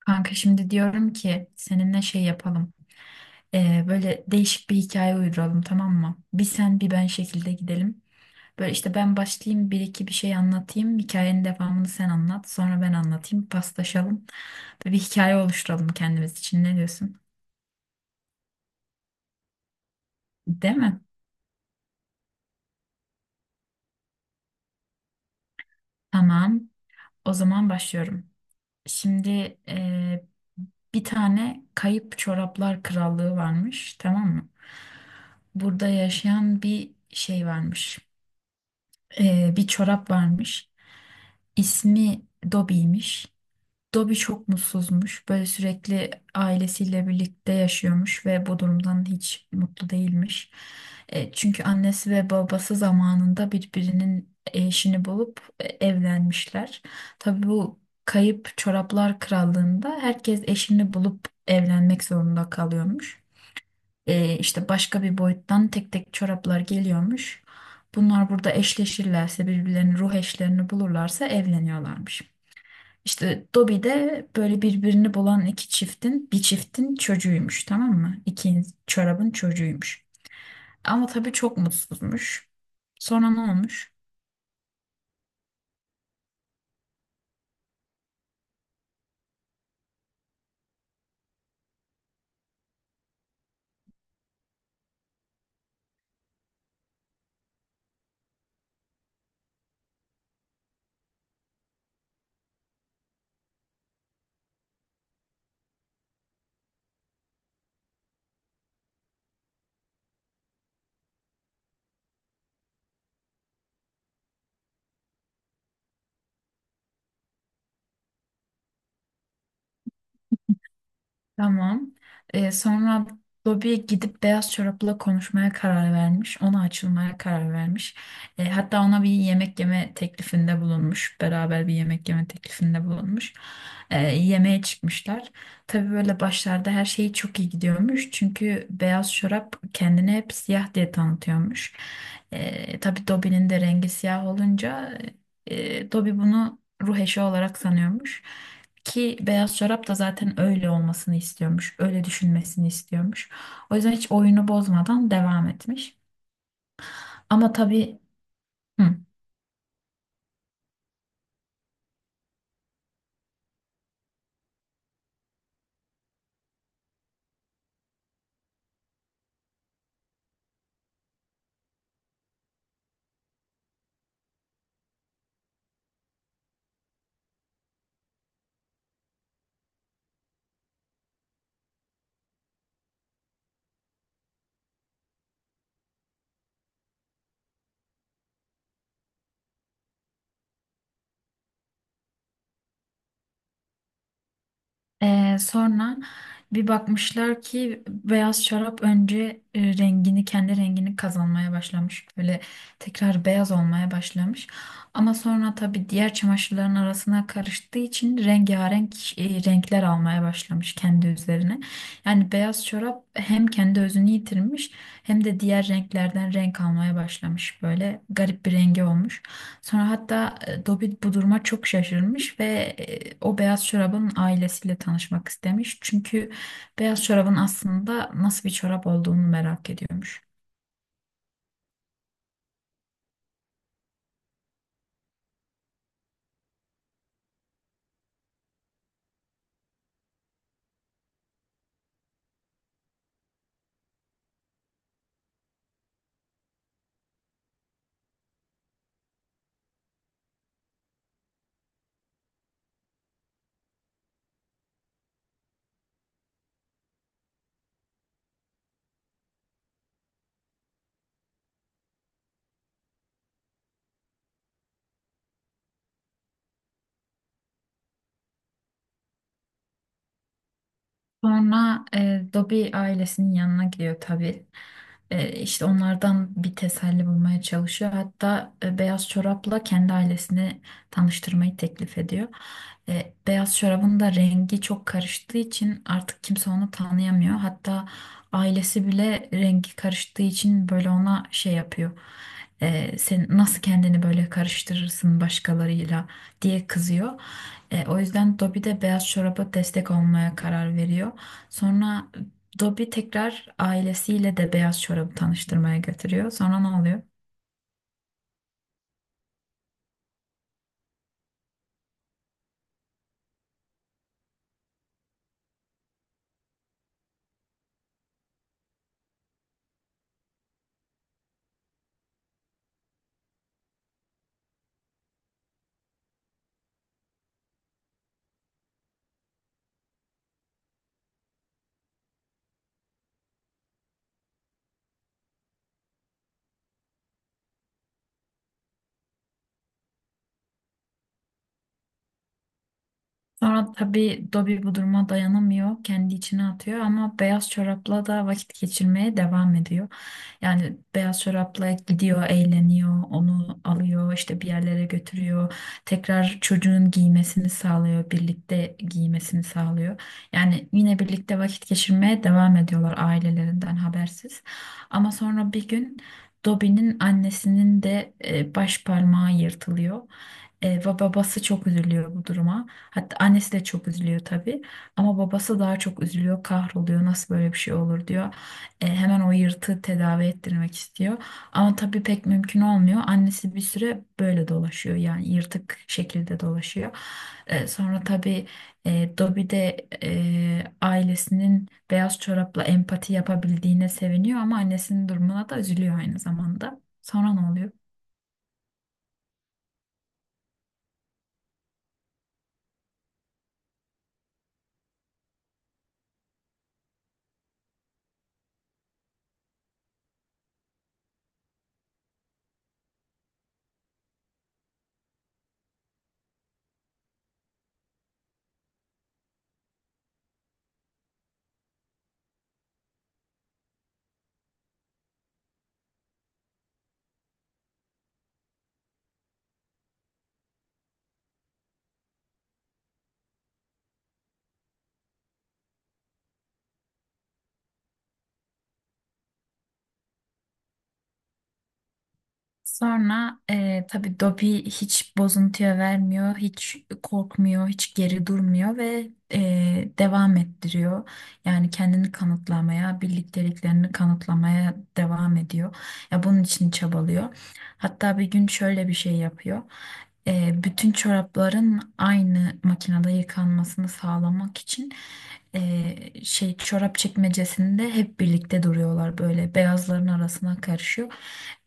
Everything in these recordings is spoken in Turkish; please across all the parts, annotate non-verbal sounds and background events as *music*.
Kanka şimdi diyorum ki seninle şey yapalım. Böyle değişik bir hikaye uyduralım, tamam mı? Bir sen bir ben şekilde gidelim. Böyle işte ben başlayayım, bir iki bir şey anlatayım. Hikayenin devamını sen anlat. Sonra ben anlatayım. Paslaşalım. Böyle bir hikaye oluşturalım kendimiz için. Ne diyorsun? Değil mi? Tamam. O zaman başlıyorum. Şimdi bir tane kayıp çoraplar krallığı varmış, tamam mı? Burada yaşayan bir şey varmış. Bir çorap varmış. İsmi Dobby'ymiş. Dobby çok mutsuzmuş. Böyle sürekli ailesiyle birlikte yaşıyormuş ve bu durumdan hiç mutlu değilmiş. Çünkü annesi ve babası zamanında birbirinin eşini bulup evlenmişler. Tabii bu kayıp çoraplar krallığında herkes eşini bulup evlenmek zorunda kalıyormuş, işte başka bir boyuttan tek tek çoraplar geliyormuş. Bunlar burada eşleşirlerse, birbirlerini ruh eşlerini bulurlarsa evleniyorlarmış. İşte Dobby de böyle birbirini bulan iki çiftin bir çiftin çocuğuymuş, tamam mı? İki çorabın çocuğuymuş. Ama tabii çok mutsuzmuş. Sonra ne olmuş? Tamam. Sonra Bobby gidip Beyaz Çorap'la konuşmaya karar vermiş. Ona açılmaya karar vermiş. Hatta ona bir yemek yeme teklifinde bulunmuş. Beraber bir yemek yeme teklifinde bulunmuş. Yemeğe çıkmışlar. Tabii böyle başlarda her şey çok iyi gidiyormuş. Çünkü Beyaz Çorap kendini hep siyah diye tanıtıyormuş. Tabii Dobby'nin de rengi siyah olunca Dobby bunu ruh eşi olarak sanıyormuş. Ki beyaz çorap da zaten öyle olmasını istiyormuş. Öyle düşünmesini istiyormuş. O yüzden hiç oyunu bozmadan devam etmiş. Ama tabii hı. Sonra bir bakmışlar ki beyaz şarap önce e, rengini kendi rengini kazanmaya başlamış. Böyle tekrar beyaz olmaya başlamış. Ama sonra tabii diğer çamaşırların arasına karıştığı için rengarenk, renkler almaya başlamış kendi üzerine. Yani beyaz şarap hem kendi özünü yitirmiş hem de diğer renklerden renk almaya başlamış. Böyle garip bir rengi olmuş. Sonra hatta Dobby bu duruma çok şaşırmış ve o beyaz çorabın ailesiyle tanışmak istemiş. Çünkü beyaz çorabın aslında nasıl bir çorap olduğunu merak ediyormuş. Sonra Dobby ailesinin yanına gidiyor tabii. İşte onlardan bir teselli bulmaya çalışıyor. Hatta beyaz çorapla kendi ailesini tanıştırmayı teklif ediyor. Beyaz çorabın da rengi çok karıştığı için artık kimse onu tanıyamıyor. Hatta ailesi bile rengi karıştığı için böyle ona şey yapıyor. Sen nasıl kendini böyle karıştırırsın başkalarıyla diye kızıyor. O yüzden Dobby de beyaz çoraba destek olmaya karar veriyor. Sonra Dobby tekrar ailesiyle de beyaz çorabı tanıştırmaya götürüyor. Sonra ne oluyor? Sonra tabii Dobby bu duruma dayanamıyor. Kendi içine atıyor ama beyaz çorapla da vakit geçirmeye devam ediyor. Yani beyaz çorapla gidiyor, eğleniyor, onu alıyor, işte bir yerlere götürüyor. Tekrar çocuğun giymesini sağlıyor, birlikte giymesini sağlıyor. Yani yine birlikte vakit geçirmeye devam ediyorlar ailelerinden habersiz. Ama sonra bir gün Dobby'nin annesinin de baş parmağı yırtılıyor. Ve babası çok üzülüyor bu duruma. Hatta annesi de çok üzülüyor tabii. Ama babası daha çok üzülüyor, kahroluyor. Nasıl böyle bir şey olur diyor. Hemen o yırtığı tedavi ettirmek istiyor. Ama tabii pek mümkün olmuyor. Annesi bir süre böyle dolaşıyor. Yani yırtık şekilde dolaşıyor. Sonra tabii Dobby de ailesinin beyaz çorapla empati yapabildiğine seviniyor. Ama annesinin durumuna da üzülüyor aynı zamanda. Sonra ne oluyor? Sonra tabii Dobby hiç bozuntuya vermiyor, hiç korkmuyor, hiç geri durmuyor ve devam ettiriyor. Yani kendini kanıtlamaya, birlikteliklerini kanıtlamaya devam ediyor. Ya bunun için çabalıyor. Hatta bir gün şöyle bir şey yapıyor. Bütün çorapların aynı makinede yıkanmasını sağlamak için şey çorap çekmecesinde hep birlikte duruyorlar, böyle beyazların arasına karışıyor.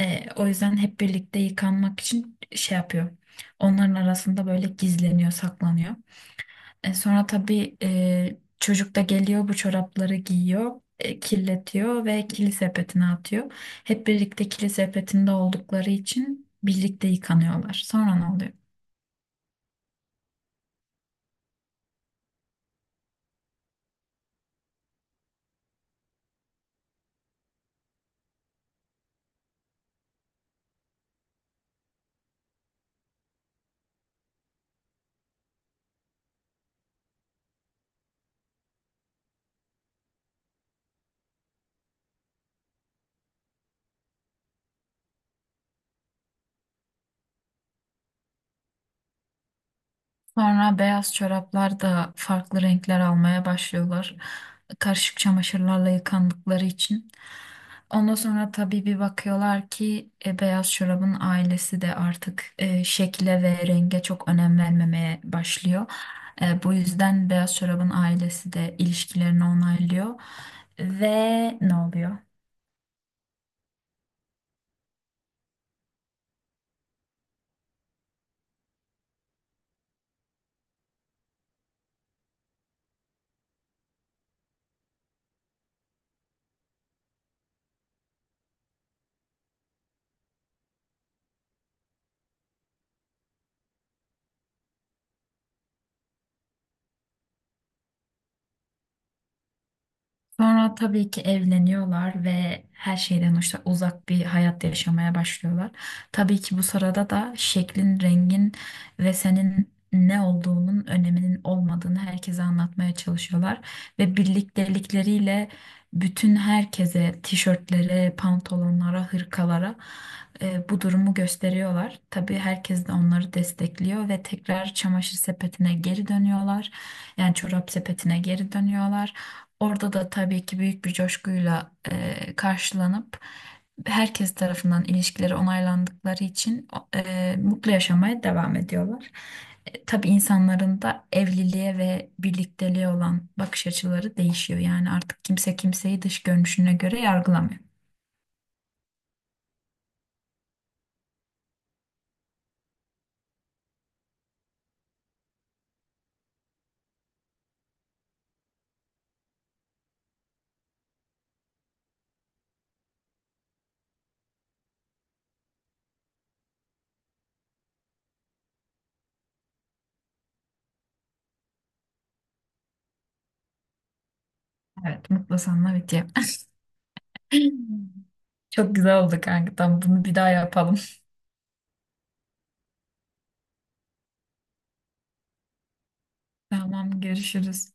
O yüzden hep birlikte yıkanmak için şey yapıyor. Onların arasında böyle gizleniyor, saklanıyor. Sonra tabii çocuk da geliyor bu çorapları giyiyor. Kirletiyor ve kili sepetine atıyor. Hep birlikte kili sepetinde oldukları için birlikte yıkanıyorlar. Sonra ne oluyor? Sonra beyaz çoraplar da farklı renkler almaya başlıyorlar. Karışık çamaşırlarla yıkandıkları için. Ondan sonra tabii bir bakıyorlar ki beyaz çorabın ailesi de artık şekle ve renge çok önem vermemeye başlıyor. Bu yüzden beyaz çorabın ailesi de ilişkilerini onaylıyor. Ve ne oluyor? Sonra tabii ki evleniyorlar ve her şeyden işte uzak bir hayat yaşamaya başlıyorlar. Tabii ki bu sırada da şeklin, rengin ve senin ne olduğunun öneminin olmadığını herkese anlatmaya çalışıyorlar. Ve birliktelikleriyle bütün herkese, tişörtlere, pantolonlara, hırkalara bu durumu gösteriyorlar. Tabii herkes de onları destekliyor ve tekrar çamaşır sepetine geri dönüyorlar. Yani çorap sepetine geri dönüyorlar. Orada da tabii ki büyük bir coşkuyla karşılanıp herkes tarafından ilişkileri onaylandıkları için mutlu yaşamaya devam ediyorlar. Tabii insanların da evliliğe ve birlikteliğe olan bakış açıları değişiyor. Yani artık kimse kimseyi dış görünüşüne göre yargılamıyor. Evet, mutlu sanma bitiyor. *laughs* Çok güzel oldu kanka. Tamam, bunu bir daha yapalım. *laughs* Tamam, görüşürüz.